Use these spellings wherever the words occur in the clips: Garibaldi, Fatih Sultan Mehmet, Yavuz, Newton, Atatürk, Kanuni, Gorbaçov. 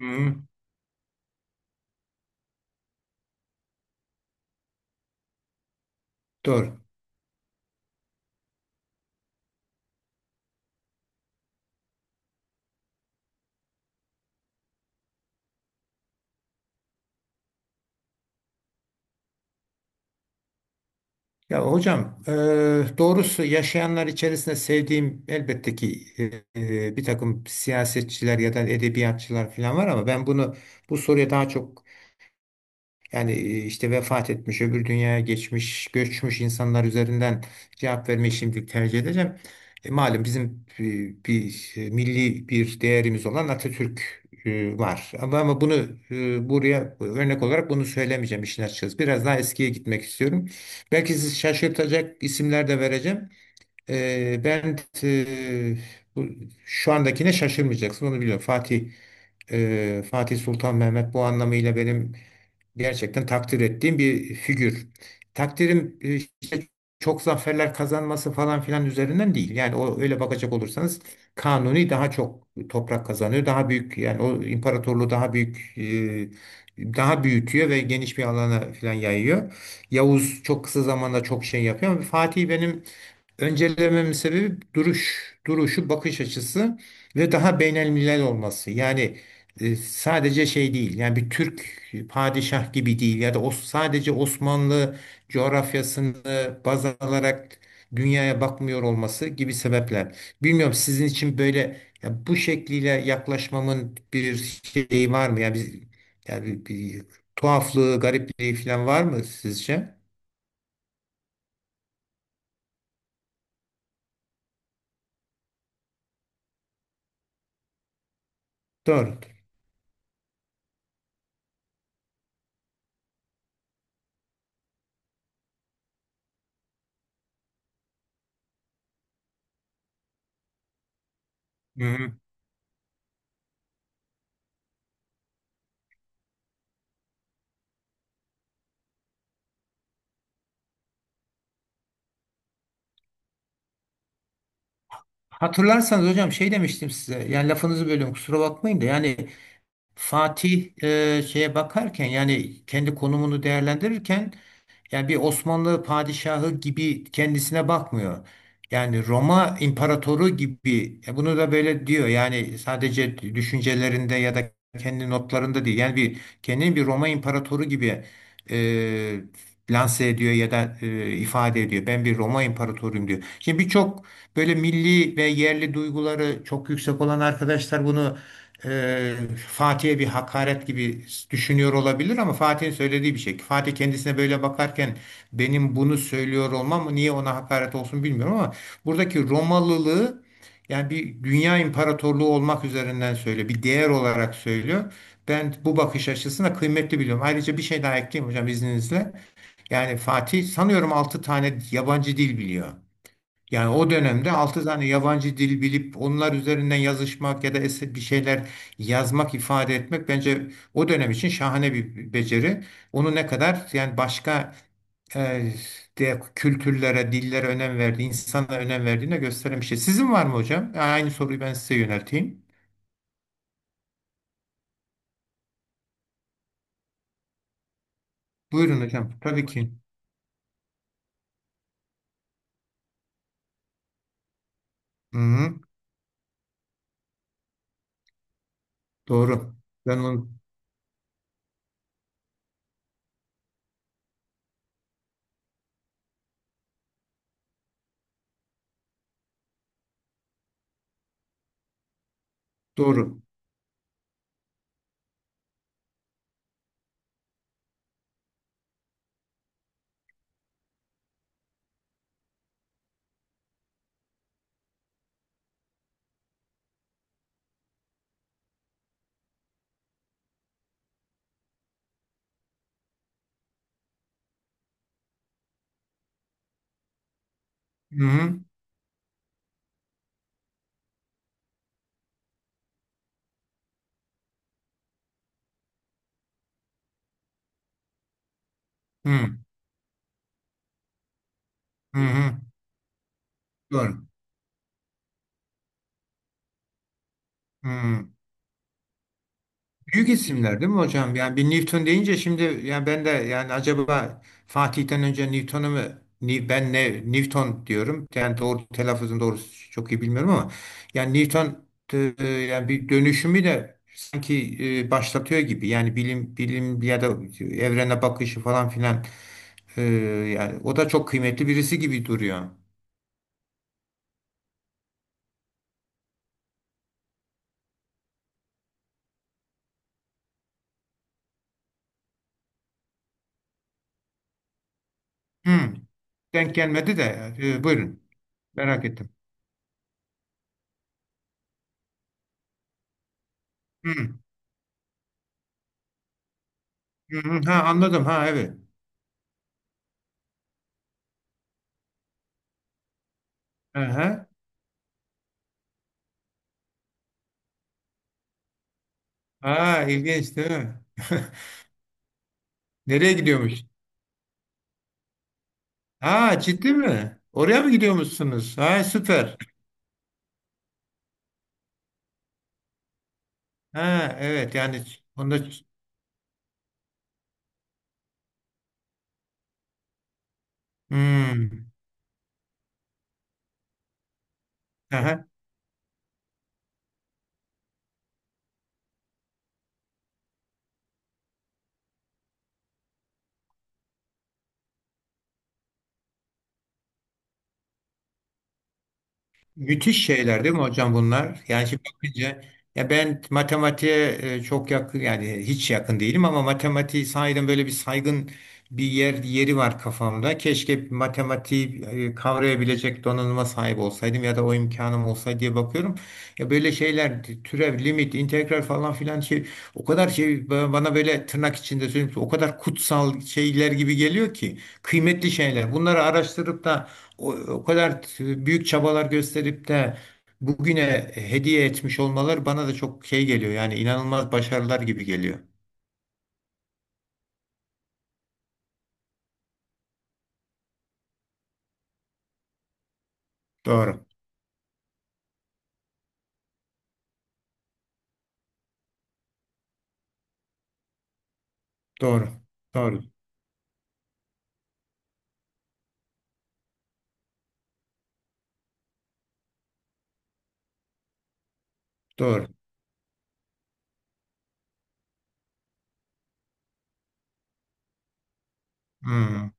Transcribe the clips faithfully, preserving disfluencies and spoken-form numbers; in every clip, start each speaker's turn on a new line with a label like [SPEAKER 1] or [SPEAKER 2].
[SPEAKER 1] Hı, doğru. Ya hocam, e, doğrusu yaşayanlar içerisinde sevdiğim elbette ki e, e, bir takım siyasetçiler ya da edebiyatçılar falan var, ama ben bunu bu soruya daha çok, yani e, işte vefat etmiş, öbür dünyaya geçmiş, göçmüş insanlar üzerinden cevap vermeyi şimdilik tercih edeceğim. E, malum bizim e, bir e, milli bir değerimiz olan Atatürk e, var. Ama, ama bunu e, buraya örnek olarak bunu söylemeyeceğim işin açıkçası. Biraz daha eskiye gitmek istiyorum. Belki sizi şaşırtacak isimler de vereceğim. E, ben, e, bu, şu andakine şaşırmayacaksın, onu biliyorum. Fatih, e, Fatih Sultan Mehmet bu anlamıyla benim gerçekten takdir ettiğim bir figür. Takdirim e, işte çok zaferler kazanması falan filan üzerinden değil. Yani o, öyle bakacak olursanız Kanuni daha çok toprak kazanıyor. Daha büyük, yani o imparatorluğu daha büyük, e, daha büyütüyor ve geniş bir alana filan yayıyor. Yavuz çok kısa zamanda çok şey yapıyor, ama Fatih benim öncelememin sebebi duruş, duruşu, bakış açısı ve daha beynelmilel olması. Yani e, sadece şey değil, yani bir Türk padişah gibi değil ya da o sadece Osmanlı coğrafyasını baz alarak dünyaya bakmıyor olması gibi sebepler. Bilmiyorum, sizin için böyle, ya bu şekliyle yaklaşmamın bir şeyi var mı? Yani, biz, yani bir, bir tuhaflığı, garipliği falan var mı sizce? Doğru. Hı hı. Hatırlarsanız hocam şey demiştim size, yani lafınızı bölüyorum kusura bakmayın da, yani Fatih e, şeye bakarken, yani kendi konumunu değerlendirirken, yani bir Osmanlı padişahı gibi kendisine bakmıyor. Yani Roma imparatoru gibi. E, bunu da böyle diyor. Yani sadece düşüncelerinde ya da kendi notlarında değil. Yani bir kendini bir Roma imparatoru gibi e, lanse ediyor ya da e, ifade ediyor. Ben bir Roma imparatoruyum diyor. Şimdi birçok böyle milli ve yerli duyguları çok yüksek olan arkadaşlar bunu e, Fatih'e bir hakaret gibi düşünüyor olabilir, ama Fatih'in söylediği bir şey. Fatih kendisine böyle bakarken, benim bunu söylüyor olmam niye ona hakaret olsun bilmiyorum, ama buradaki Romalılığı yani bir dünya imparatorluğu olmak üzerinden söylüyor. Bir değer olarak söylüyor. Ben bu bakış açısına kıymetli biliyorum. Ayrıca bir şey daha ekleyeyim hocam izninizle. Yani Fatih sanıyorum altı tane yabancı dil biliyor. Yani o dönemde altı tane yabancı dil bilip onlar üzerinden yazışmak ya da es- bir şeyler yazmak, ifade etmek bence o dönem için şahane bir beceri. Onu ne kadar yani başka e, de kültürlere, dillere önem verdiği, insana önem verdiğine gösteren bir şey. Sizin var mı hocam? Aynı soruyu ben size yönelteyim. Buyurun hocam. Tabii ki. Hı-hı. Doğru. Ben onu. Doğru. Hı-hı. Hı-hı. Doğru. Hmm. Büyük isimler değil mi hocam? Yani bir Newton deyince şimdi, yani ben de, yani acaba Fatih'ten önce Newton'u mu... Ni- ben ne Newton diyorum. Yani doğru telaffuzun doğrusu çok iyi bilmiyorum, ama yani Newton e, e, yani bir dönüşümü de sanki e, başlatıyor gibi. Yani bilim bilim ya da evrene bakışı falan filan. E, Yani o da çok kıymetli birisi gibi duruyor. Hmm. Denk gelmedi de e, buyurun. Merak ettim. Hmm. Hı hı. Ha, anladım. Ha, evet. Aha. Ha, ilginç değil mi? Nereye gidiyormuş? Ha, ciddi mi? Oraya mı gidiyormuşsunuz? Ha, süper. Ha, evet yani onda. Hmm. Aha. Müthiş şeyler değil mi hocam bunlar? Yani şimdi bakınca, ya ben matematiğe e, çok yakın, yani hiç yakın değilim, ama matematiği sahiden böyle bir saygın bir yer yeri var kafamda. Keşke matematiği e, kavrayabilecek donanıma sahip olsaydım ya da o imkanım olsaydı diye bakıyorum. Ya böyle şeyler türev, limit, integral falan filan şey o kadar şey ba- bana böyle tırnak içinde söyleyeyim, o kadar kutsal şeyler gibi geliyor ki, kıymetli şeyler. Bunları araştırıp da o, o kadar t- büyük çabalar gösterip de bugüne hediye etmiş olmaları bana da çok şey geliyor. Yani inanılmaz başarılar gibi geliyor. Doğru, doğru, doğru, doğru. Hmm.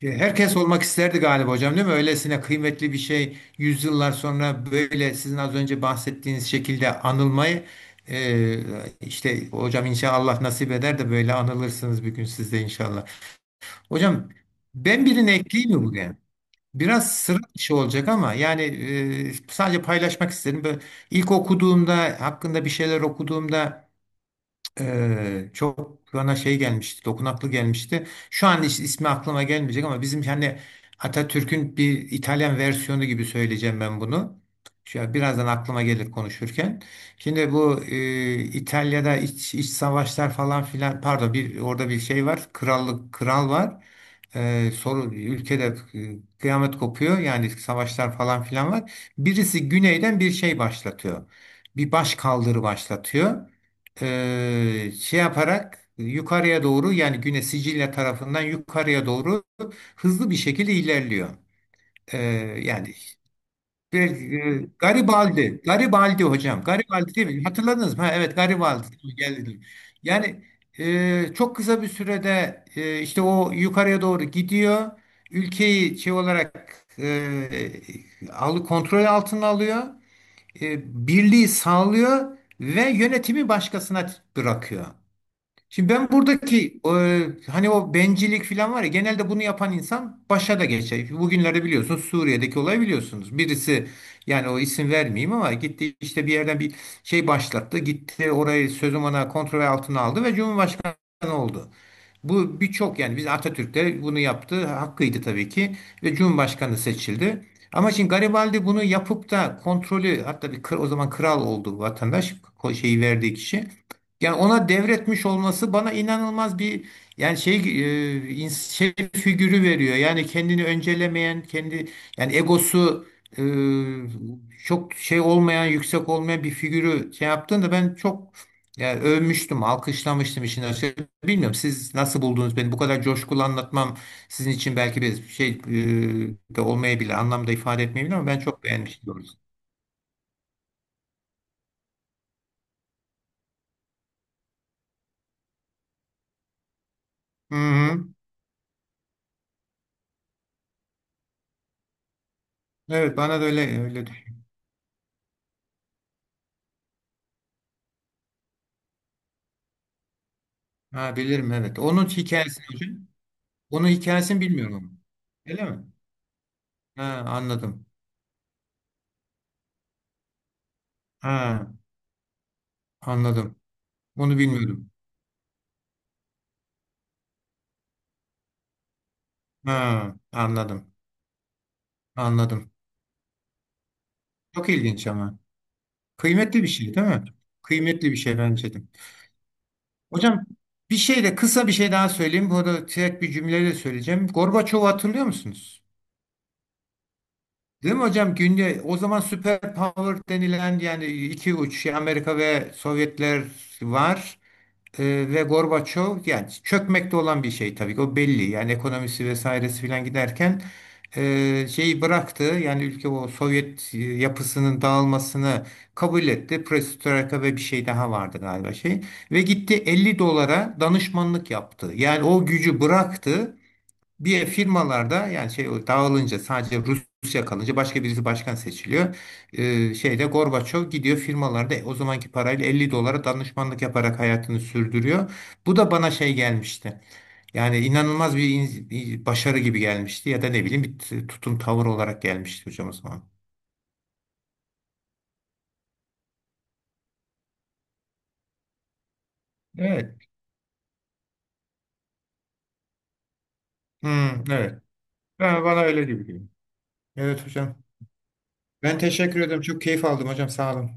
[SPEAKER 1] E, Herkes olmak isterdi galiba hocam değil mi? Öylesine kıymetli bir şey, yüzyıllar sonra böyle sizin az önce bahsettiğiniz şekilde anılmayı, e, işte hocam inşallah nasip eder de böyle anılırsınız bir gün siz de inşallah. Hocam, ben birini ekleyeyim mi bugün? Biraz sıra dışı olacak, ama yani e, sadece paylaşmak istedim. Böyle ilk okuduğumda, hakkında bir şeyler okuduğumda, ee, çok bana şey gelmişti, dokunaklı gelmişti. Şu an is- ismi aklıma gelmeyecek, ama bizim hani Atatürk'ün bir İtalyan versiyonu gibi söyleyeceğim ben bunu. Şu birazdan aklıma gelir konuşurken. Şimdi bu e, İtalya'da iç, iç savaşlar falan filan, pardon, bir orada bir şey var. Krallık, kral var. Ee, soru ülkede e, kıyamet kopuyor. Yani savaşlar falan filan var. Birisi güneyden bir şey başlatıyor. Bir baş kaldırı başlatıyor, e, şey yaparak yukarıya doğru, yani Güney Sicilya tarafından yukarıya doğru hızlı bir şekilde ilerliyor. E, yani bir, e, Garibaldi, Garibaldi hocam, Garibaldi değil mi? Hatırladınız mı? Ha, evet, Garibaldi geldi. Yani e, çok kısa bir sürede e, işte o yukarıya doğru gidiyor. Ülkeyi şey olarak e, alı kontrol altına alıyor. E, birliği sağlıyor ve yönetimi başkasına bırakıyor. Şimdi ben buradaki e, hani o bencillik falan var ya, genelde bunu yapan insan başa da geçer. Bugünlerde biliyorsunuz Suriye'deki olayı biliyorsunuz. Birisi, yani o, isim vermeyeyim, ama gitti işte bir yerden bir şey başlattı. Gitti orayı sözüm ona kontrol altına aldı ve Cumhurbaşkanı oldu. Bu birçok, yani biz Atatürk'te bunu yaptı. Hakkıydı tabii ki ve Cumhurbaşkanı seçildi. Ama şimdi Garibaldi bunu yapıp da kontrolü, hatta bir kır, o zaman kral oldu bu vatandaş, ko- şeyi verdiği kişi. Yani ona devretmiş olması bana inanılmaz bir, yani şey e, ins- şey figürü veriyor. Yani kendini öncelemeyen, kendi yani egosu e, çok şey olmayan, yüksek olmayan bir figürü şey yaptığında ben çok, yani övmüştüm, alkışlamıştım işin açığı. Bilmiyorum siz nasıl buldunuz beni? Bu kadar coşkulu anlatmam sizin için belki bir şey e, de olmayabilir, anlamda ifade etmeyebilir, ama ben çok beğenmiştim doğrusu. Hı hı. Evet, bana da öyle öyle düşün. Ha, bilirim evet. Onun hikayesini hocam. Onun hikayesini bilmiyorum ama. Öyle mi? Ha, anladım. Ha, anladım. Onu bilmiyordum. Ha, anladım. Anladım. Çok ilginç ama. Kıymetli bir şey değil mi? Kıymetli bir şey bence de. Hocam, bir şey de, kısa bir şey daha söyleyeyim. Bu da tek bir cümleyle söyleyeceğim. Gorbaçov'u hatırlıyor musunuz? Değil mi hocam? Günde o zaman süper power denilen yani iki uç şey, Amerika ve Sovyetler var. Ee, ve Gorbaçov, yani çökmekte olan bir şey tabii ki, o belli, yani ekonomisi vesairesi filan giderken e, şeyi bıraktı, yani ülke o Sovyet e, yapısının dağılmasını kabul etti. Perestroika ve bir şey daha vardı galiba şey, ve gitti elli dolara danışmanlık yaptı, yani o gücü bıraktı, bir firmalarda, yani şey dağılınca sadece Rusya kalınca başka birisi başkan seçiliyor. Ee, şeyde Gorbaçov gidiyor firmalarda, "E, o zamanki parayla elli dolara danışmanlık yaparak hayatını sürdürüyor. Bu da bana şey gelmişti. Yani inanılmaz bir in- bir başarı gibi gelmişti ya da ne bileyim bir t- tutum tavır olarak gelmişti hocam o zaman. Evet. Hmm, evet. Ben, bana öyle gibi geliyor. Evet hocam. Ben teşekkür ederim. Çok keyif aldım hocam. Sağ olun.